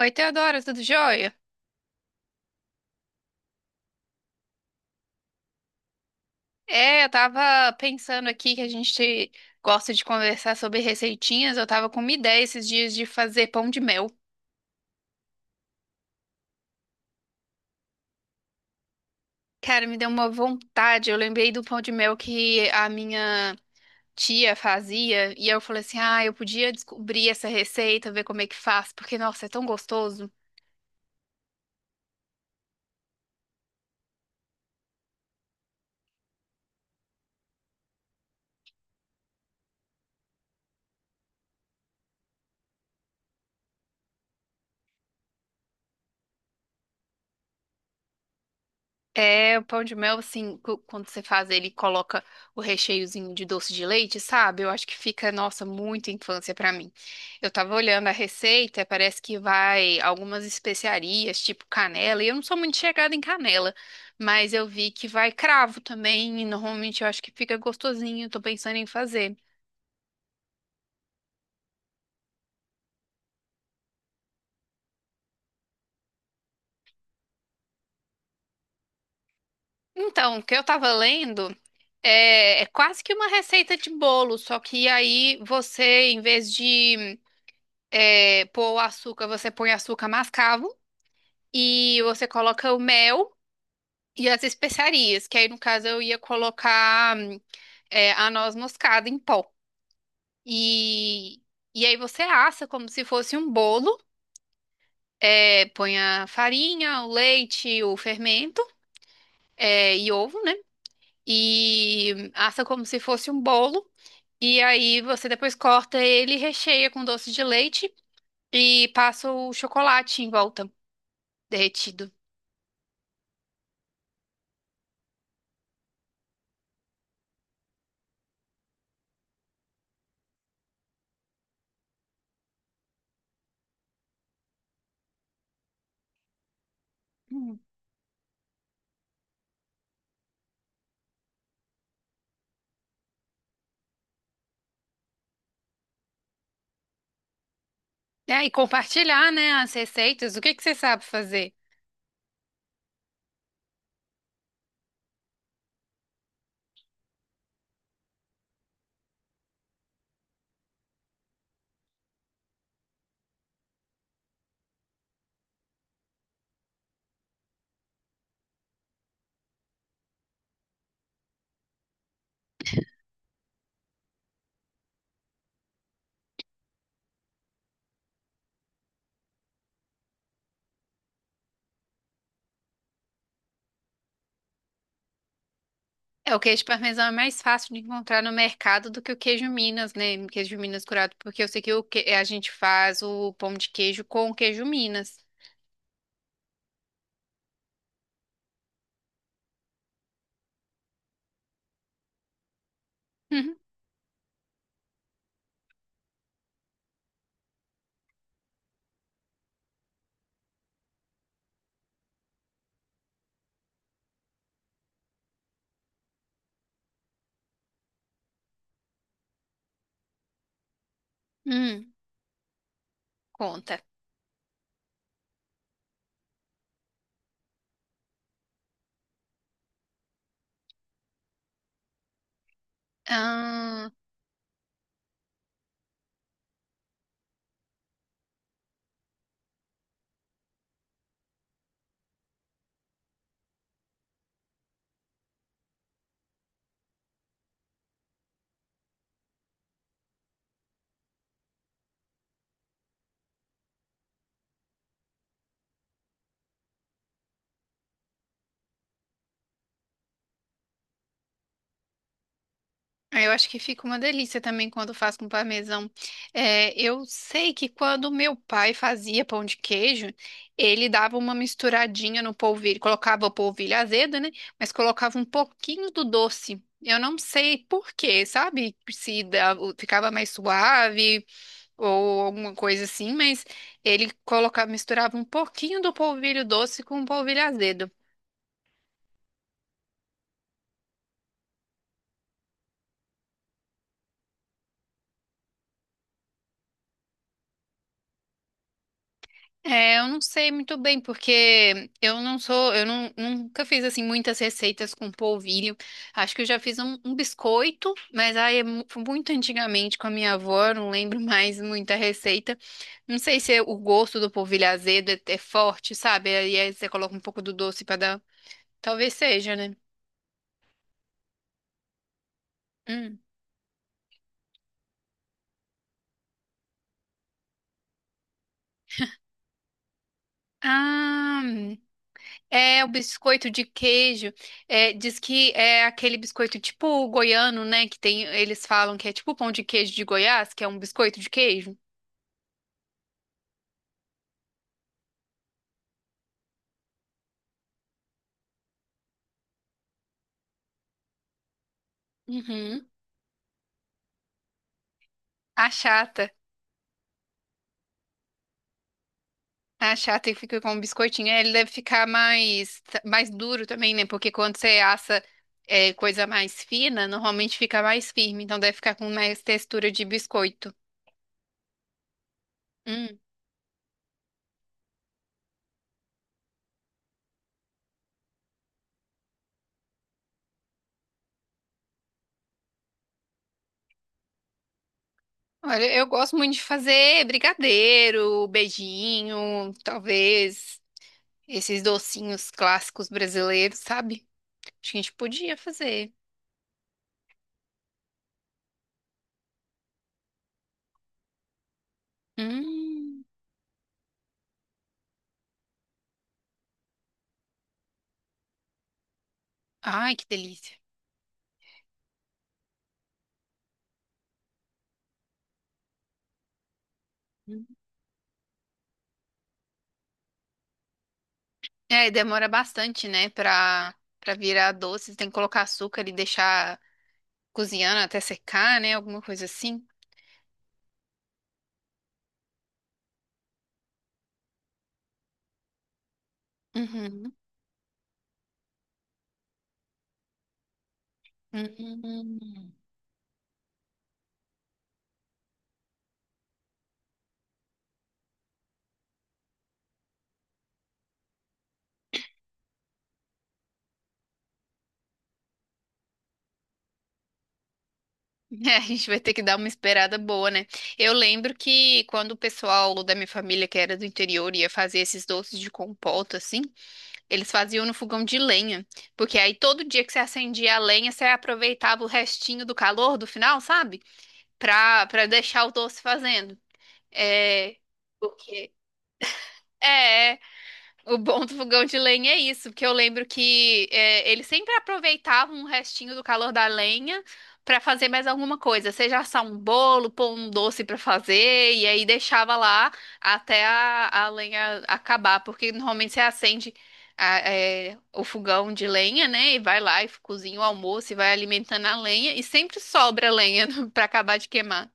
Oi, Teodora, tudo jóia? É, eu tava pensando aqui que a gente gosta de conversar sobre receitinhas. Eu tava com uma ideia esses dias de fazer pão de mel. Cara, me deu uma vontade. Eu lembrei do pão de mel que a minha tia fazia. E eu falei assim: ah, eu podia descobrir essa receita, ver como é que faz, porque, nossa, é tão gostoso. O pão de mel, assim, quando você faz ele, e coloca o recheiozinho de doce de leite, sabe? Eu acho que fica, nossa, muito infância pra mim. Eu tava olhando a receita, parece que vai algumas especiarias, tipo canela, e eu não sou muito chegada em canela, mas eu vi que vai cravo também, e normalmente eu acho que fica gostosinho, tô pensando em fazer. Então, o que eu tava lendo é quase que uma receita de bolo, só que aí você, em vez de pôr o açúcar, você põe açúcar mascavo e você coloca o mel e as especiarias, que aí no caso eu ia colocar a noz moscada em pó. E, e aí você assa como se fosse um bolo, põe a farinha, o leite, o fermento, e ovo, né? E assa como se fosse um bolo. E aí você depois corta ele e recheia com doce de leite e passa o chocolate em volta, derretido. É, e compartilhar, né, as receitas. O que que você sabe fazer? É, o queijo parmesão é mais fácil de encontrar no mercado do que o queijo Minas, né? O Queijo Minas curado, porque eu sei que, o que a gente faz o pão de queijo com o queijo Minas. Uhum. Hum, conta. Ah, eu acho que fica uma delícia também quando faz com parmesão. É, eu sei que quando meu pai fazia pão de queijo, ele dava uma misturadinha no polvilho, colocava o polvilho azedo, né? Mas colocava um pouquinho do doce. Eu não sei por quê, sabe? Se dava- ficava mais suave ou alguma coisa assim, mas ele colocava, misturava um pouquinho do polvilho doce com o polvilho azedo. É, eu não sei muito bem, porque eu não- nunca fiz assim muitas receitas com polvilho. Acho que eu já fiz um biscoito, mas aí é muito antigamente com a minha avó, eu não lembro mais muita receita. Não sei se é o gosto do polvilho azedo é forte, sabe? Aí você coloca um pouco do doce pra dar. Talvez seja, né? Hum. Ah. É, o biscoito de queijo. É, diz que é aquele biscoito tipo goiano, né? Que tem, eles falam que é tipo pão de queijo de Goiás, que é um biscoito de queijo. Uhum. Achata. Achata e fica com um biscoitinho. É, ele deve ficar mais, mais duro também, né? Porque quando você assa coisa mais fina, normalmente fica mais firme. Então deve ficar com mais textura de biscoito. Hum. Olha, eu gosto muito de fazer brigadeiro, beijinho, talvez. Esses docinhos clássicos brasileiros, sabe? Acho que a gente podia fazer. Hum. Ai, que delícia. Hum. É, e demora bastante, né, pra virar doce. Tem que colocar açúcar e deixar cozinhando até secar, né? Alguma coisa assim. Uhum. Hum. É, a gente vai ter que dar uma esperada boa, né? Eu lembro que quando o pessoal da minha família, que era do interior, ia fazer esses doces de compota, assim. Eles faziam no fogão de lenha, porque aí todo dia que você acendia a lenha, você aproveitava o restinho do calor do final, sabe? Pra deixar o doce fazendo. É, porque é, é, o bom do fogão de lenha é isso, porque eu lembro que eles sempre aproveitavam um restinho do calor da lenha pra fazer mais alguma coisa, seja assar um bolo, pôr um doce pra fazer, e aí deixava lá até a lenha acabar, porque normalmente você acende o fogão de lenha, né, e vai lá e cozinha o almoço e vai alimentando a lenha, e sempre sobra lenha pra acabar de queimar.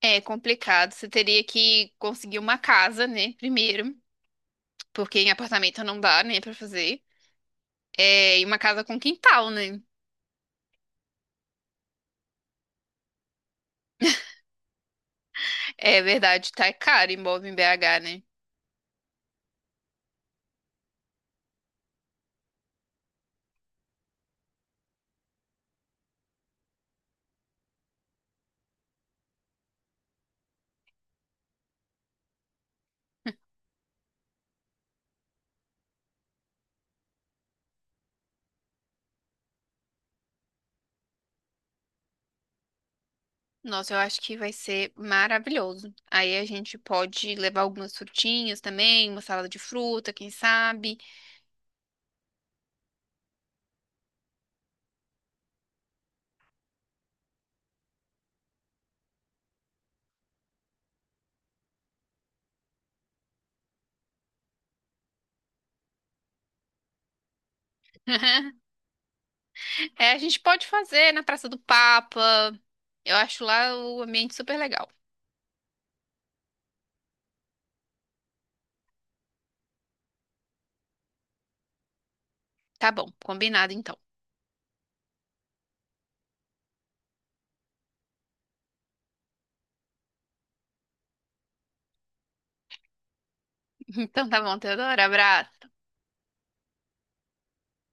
É complicado, você teria que conseguir uma casa, né, primeiro. Porque em apartamento não dá, nem pra fazer. É, e uma casa com quintal, né? É verdade, tá caro imóvel em BH, né? Nossa, eu acho que vai ser maravilhoso. Aí a gente pode levar algumas frutinhas também, uma salada de fruta, quem sabe. É, a gente pode fazer na Praça do Papa. Eu acho lá o ambiente super legal. Tá bom, combinado então. Então tá bom, Teodora, abraço.